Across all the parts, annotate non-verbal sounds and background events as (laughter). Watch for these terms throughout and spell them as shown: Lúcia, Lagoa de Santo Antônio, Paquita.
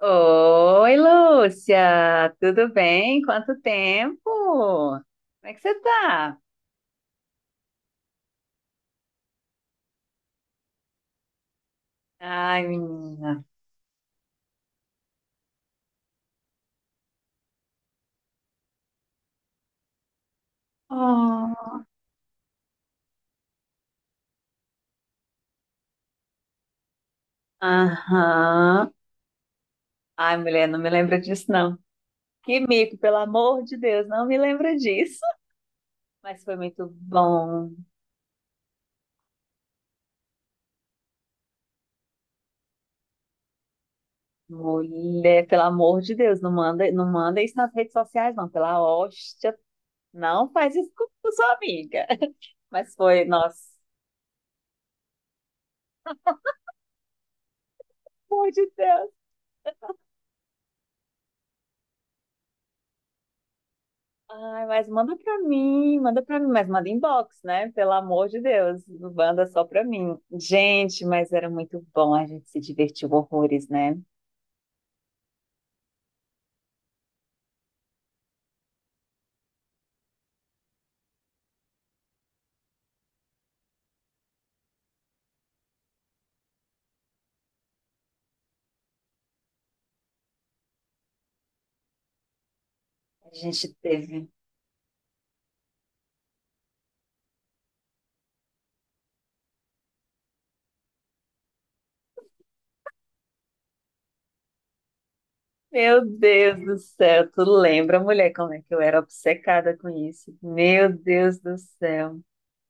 Oi, Lúcia, tudo bem? Quanto tempo? Como é que você tá? Ai, menina. Oh. Aham. Ai, mulher, não me lembra disso, não. Que mico, pelo amor de Deus, não me lembra disso. Mas foi muito bom, mulher, pelo amor de Deus, não manda, não manda isso nas redes sociais, não, pela hóstia. Não faz isso com sua amiga. (laughs) Mas foi, nossa, pelo amor de Deus. Ai, mas manda pra mim, mas manda inbox, né? Pelo amor de Deus, manda só pra mim. Gente, mas era muito bom, a gente se divertiu horrores, né? A gente teve. Meu Deus do céu, tu lembra, mulher, como é que eu era obcecada com isso? Meu Deus do céu.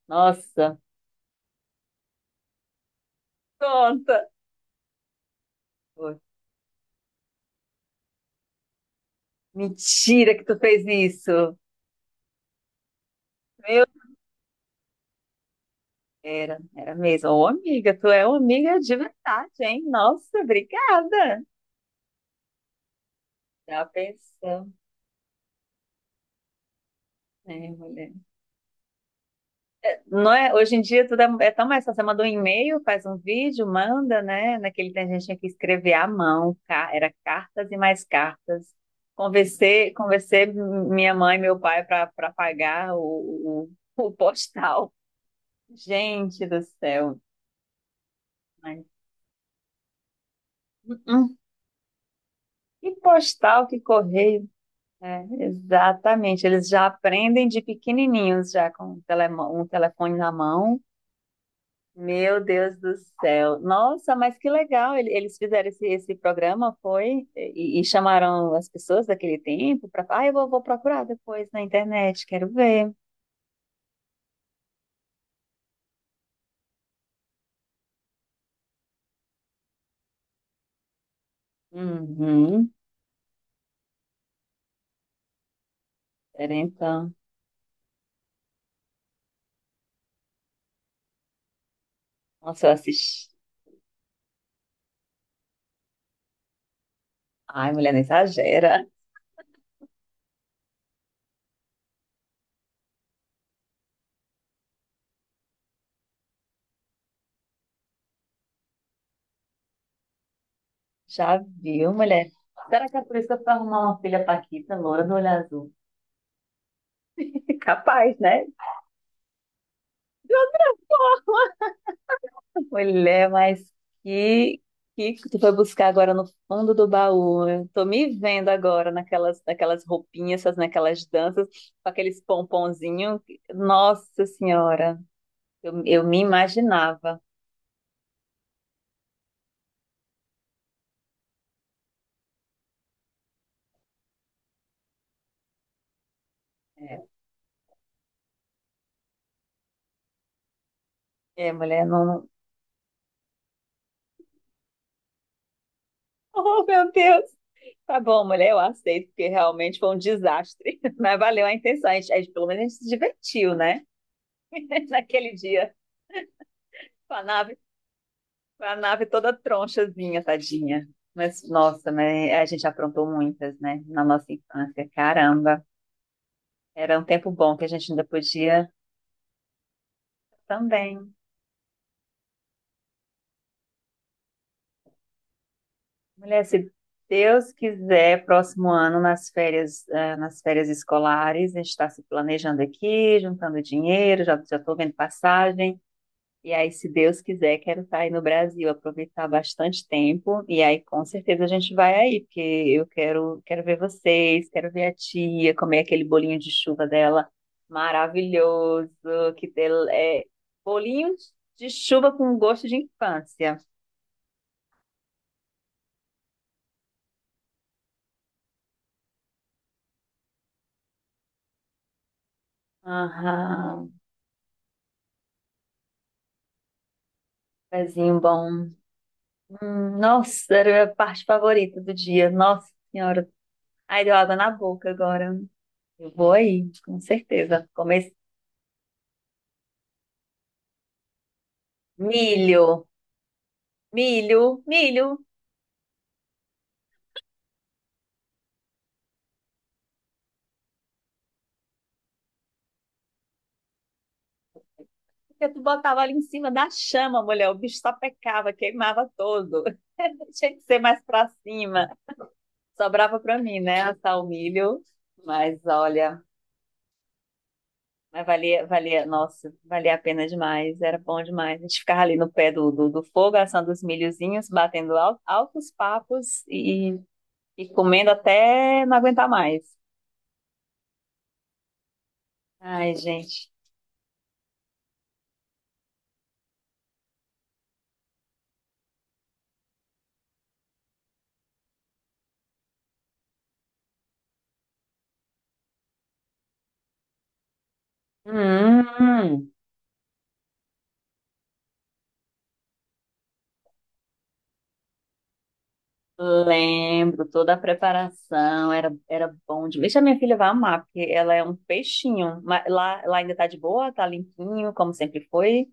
Nossa, conta. Pô, mentira que tu fez isso. Meu, era mesmo. Ô, amiga, tu é uma amiga de verdade, hein? Nossa, obrigada. Já pensou? É, mulher. Não é, hoje em dia tudo é tão mais fácil. Você manda um e-mail, faz um vídeo, manda, né? Naquele tempo a gente tinha que escrever à mão, era cartas e mais cartas. Conversei minha mãe e meu pai para pagar o, o postal. Gente do céu. Mas, hum, hum. Que postal, que correio. É, exatamente. Eles já aprendem de pequenininhos, já com um telefone na mão. Meu Deus do céu. Nossa, mas que legal. Eles fizeram esse programa, foi? E chamaram as pessoas daquele tempo para. Ah, eu vou procurar depois na internet, quero ver. Uhum. Pera então. Nossa, eu assisti. Ai, mulher, não exagera. Já viu, mulher? Será que é por isso que eu fui arrumar uma filha paquita, loura do olho azul? (laughs) Capaz, né? Mulher, mas que, que tu foi buscar agora no fundo do baú? Eu tô me vendo agora naquelas roupinhas, naquelas danças, com aqueles pomponzinhos. Nossa Senhora, eu me imaginava. É, é, mulher, não. Oh, meu Deus! Tá bom, mulher, eu aceito, porque realmente foi um desastre. (laughs) Mas valeu a intenção. Pelo menos a gente se divertiu, né? (laughs) Naquele dia, com a nave. A nave toda tronchazinha, tadinha. Mas, nossa, mas a gente aprontou muitas, né? Na nossa infância. Caramba. Era um tempo bom que a gente ainda podia também. Mulher, se Deus quiser, próximo ano, nas férias escolares, a gente está se planejando aqui, juntando dinheiro, já já estou vendo passagem. E aí, se Deus quiser, quero estar aí no Brasil, aproveitar bastante tempo. E aí, com certeza, a gente vai aí, porque eu quero ver vocês, quero ver a tia, comer aquele bolinho de chuva dela maravilhoso, é bolinho de chuva com gosto de infância. Aham, pezinho bom. Nossa, era a parte favorita do dia. Nossa Senhora. Ai, deu água na boca agora. Eu vou aí, com certeza. Comer milho. Milho, milho, porque tu botava ali em cima da chama, mulher, o bicho só pecava, queimava todo. (laughs) Tinha que ser mais pra cima. Sobrava pra mim, né, assar o milho. Mas olha, mas valia, nossa, valia a pena demais, era bom demais. A gente ficava ali no pé do fogo, assando os milhozinhos, batendo altos papos e comendo até não aguentar mais. Ai, gente. Hum. Hum. Lembro, toda a preparação era bom demais. Deixa, a minha filha vai amar, porque ela é um peixinho. Mas lá ainda tá de boa, tá limpinho, como sempre foi.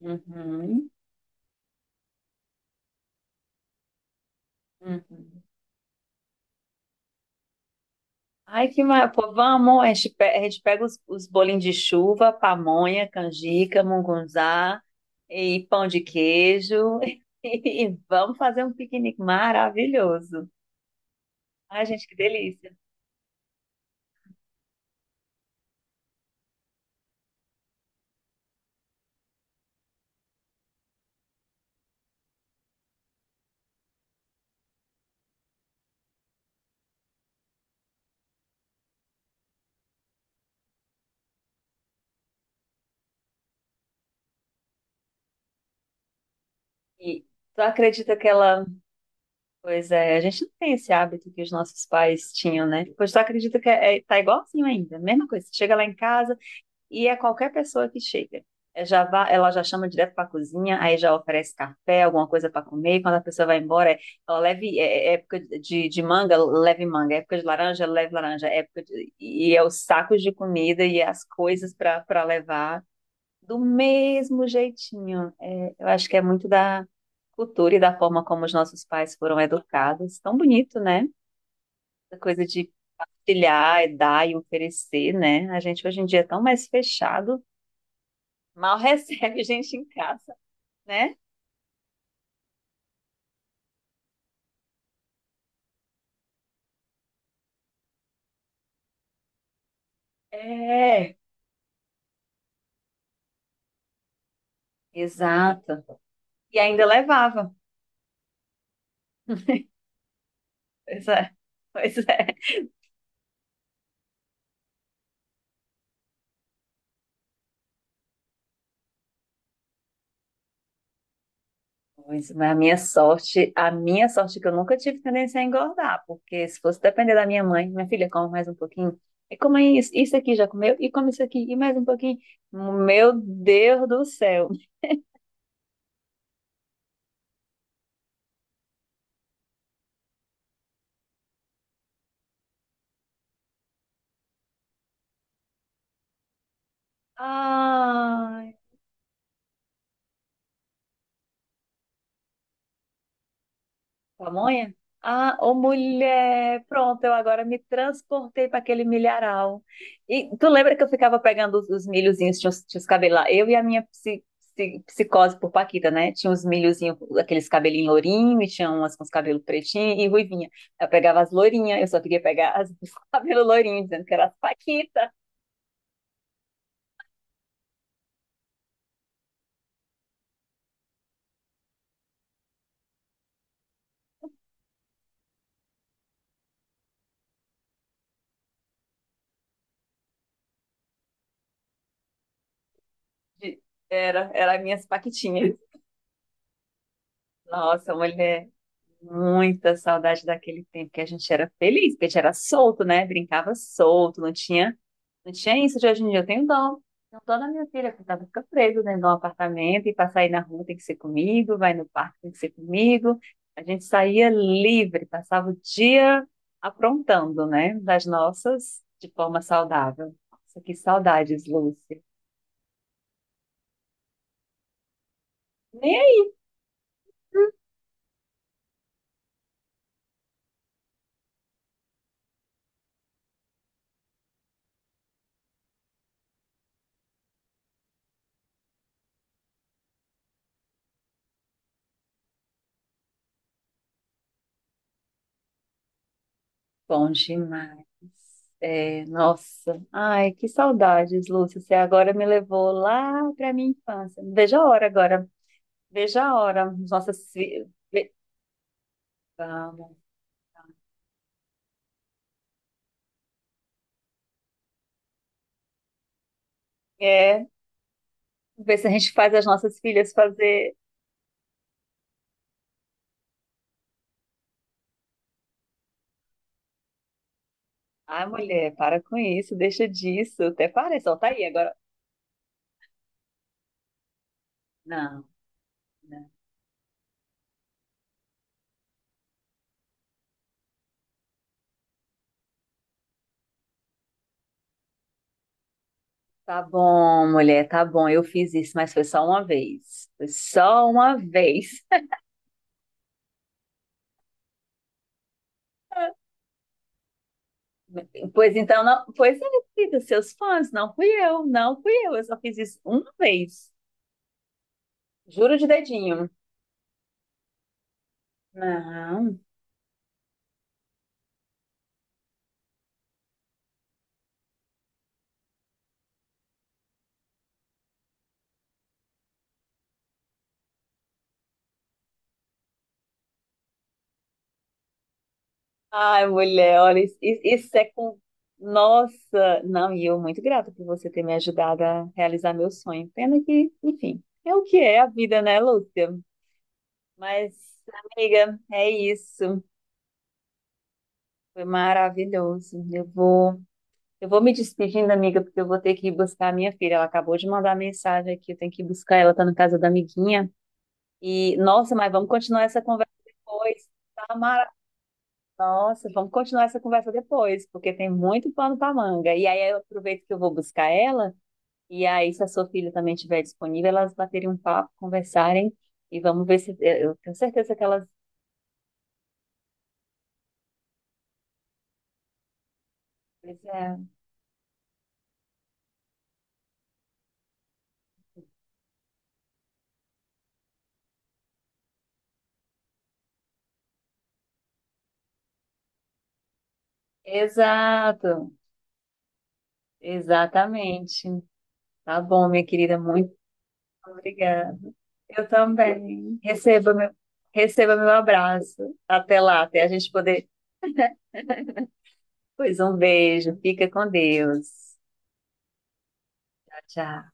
Uhum, uhum. Ai, que maravilha. Pô, vamos, a gente pega os bolinhos de chuva, pamonha, canjica, mungunzá e pão de queijo (laughs) e vamos fazer um piquenique maravilhoso. Ai, gente, que delícia. E tu acredita que ela. Pois é, a gente não tem esse hábito que os nossos pais tinham, né? Pois tu acredita que tá igualzinho ainda, mesma coisa. Você chega lá em casa e é qualquer pessoa que chega. É, já vá, ela já chama direto para a cozinha, aí já oferece café, alguma coisa para comer. Quando a pessoa vai embora, é, ó, leve, é época de manga, leve manga. É época de laranja, leve laranja. É época e é os sacos de comida e as coisas para levar do mesmo jeitinho. É, eu acho que é muito da cultura e da forma como os nossos pais foram educados. Tão bonito, né? Essa coisa de partilhar, e dar e oferecer, né? A gente hoje em dia é tão mais fechado, mal (laughs) recebe gente em casa, né? É, exato. E ainda levava. Pois é, pois é. Pois, mas a minha sorte é que eu nunca tive tendência a engordar, porque se fosse depender da minha mãe, minha filha, come mais um pouquinho, e come isso, isso aqui já comeu, e come isso aqui, e mais um pouquinho. Meu Deus do céu. Ai. Pamonha? Ah, ô mulher, pronto, eu agora me transportei para aquele milharal. E tu lembra que eu ficava pegando os milhozinhos, tinha os cabelo lá? Eu e a minha psicose por Paquita, né? Tinha os milhozinhos, aqueles cabelinhos lourinhos, e tinha umas com os cabelos pretinhos e ruivinha. Eu pegava as lourinhas, eu só queria pegar as, os (laughs) cabelos lourinhos, dizendo que era as Paquita. De- era as minhas Paquitinhas. Nossa, mulher. Muita saudade daquele tempo que a gente era feliz, porque a gente era solto, né? Brincava solto, não tinha isso de hoje em dia. Eu tenho dó. Tenho dó da minha filha, que tava, fica presa dentro de um apartamento e para sair na rua tem que ser comigo, vai no parque tem que ser comigo. A gente saía livre, passava o dia aprontando, né? Das nossas, de forma saudável. Nossa, que saudades, Lúcia. Bom demais. É, nossa, ai, que saudades, Lúcia. Você agora me levou lá para minha infância. Veja a hora agora, veja a hora. Nossas filhas. Vamos. É, ver se a gente faz as nossas filhas fazer. Ai, mulher, para com isso, deixa disso. Até parece, ó, tá aí agora. Não, não. Tá bom, mulher, tá bom. Eu fiz isso, mas foi só uma vez. Foi só uma vez. Pois então, não, pois é, querida, seus fãs, não fui eu, não fui eu só fiz isso uma vez. Juro de dedinho. Não. Ai, mulher, olha, isso é com. Nossa! Não, e eu muito grata por você ter me ajudado a realizar meu sonho. Pena que, enfim, é o que é a vida, né, Lúcia? Mas, amiga, é isso. Foi maravilhoso. Eu vou me despedindo, amiga, porque eu vou ter que ir buscar a minha filha. Ela acabou de mandar mensagem aqui, eu tenho que ir buscar ela, tá na casa da amiguinha. E, nossa, mas vamos continuar essa conversa depois. Tá mara... Nossa, vamos continuar essa conversa depois, porque tem muito pano pra manga. E aí eu aproveito que eu vou buscar ela, e aí se a sua filha também estiver disponível, elas baterem um papo, conversarem, e vamos ver se... Eu tenho certeza que elas... Pois é. Exato, exatamente. Tá bom, minha querida, muito obrigada. Eu também. Receba meu abraço. Até lá, até a gente poder. Pois um beijo. Fica com Deus. Tchau, tchau.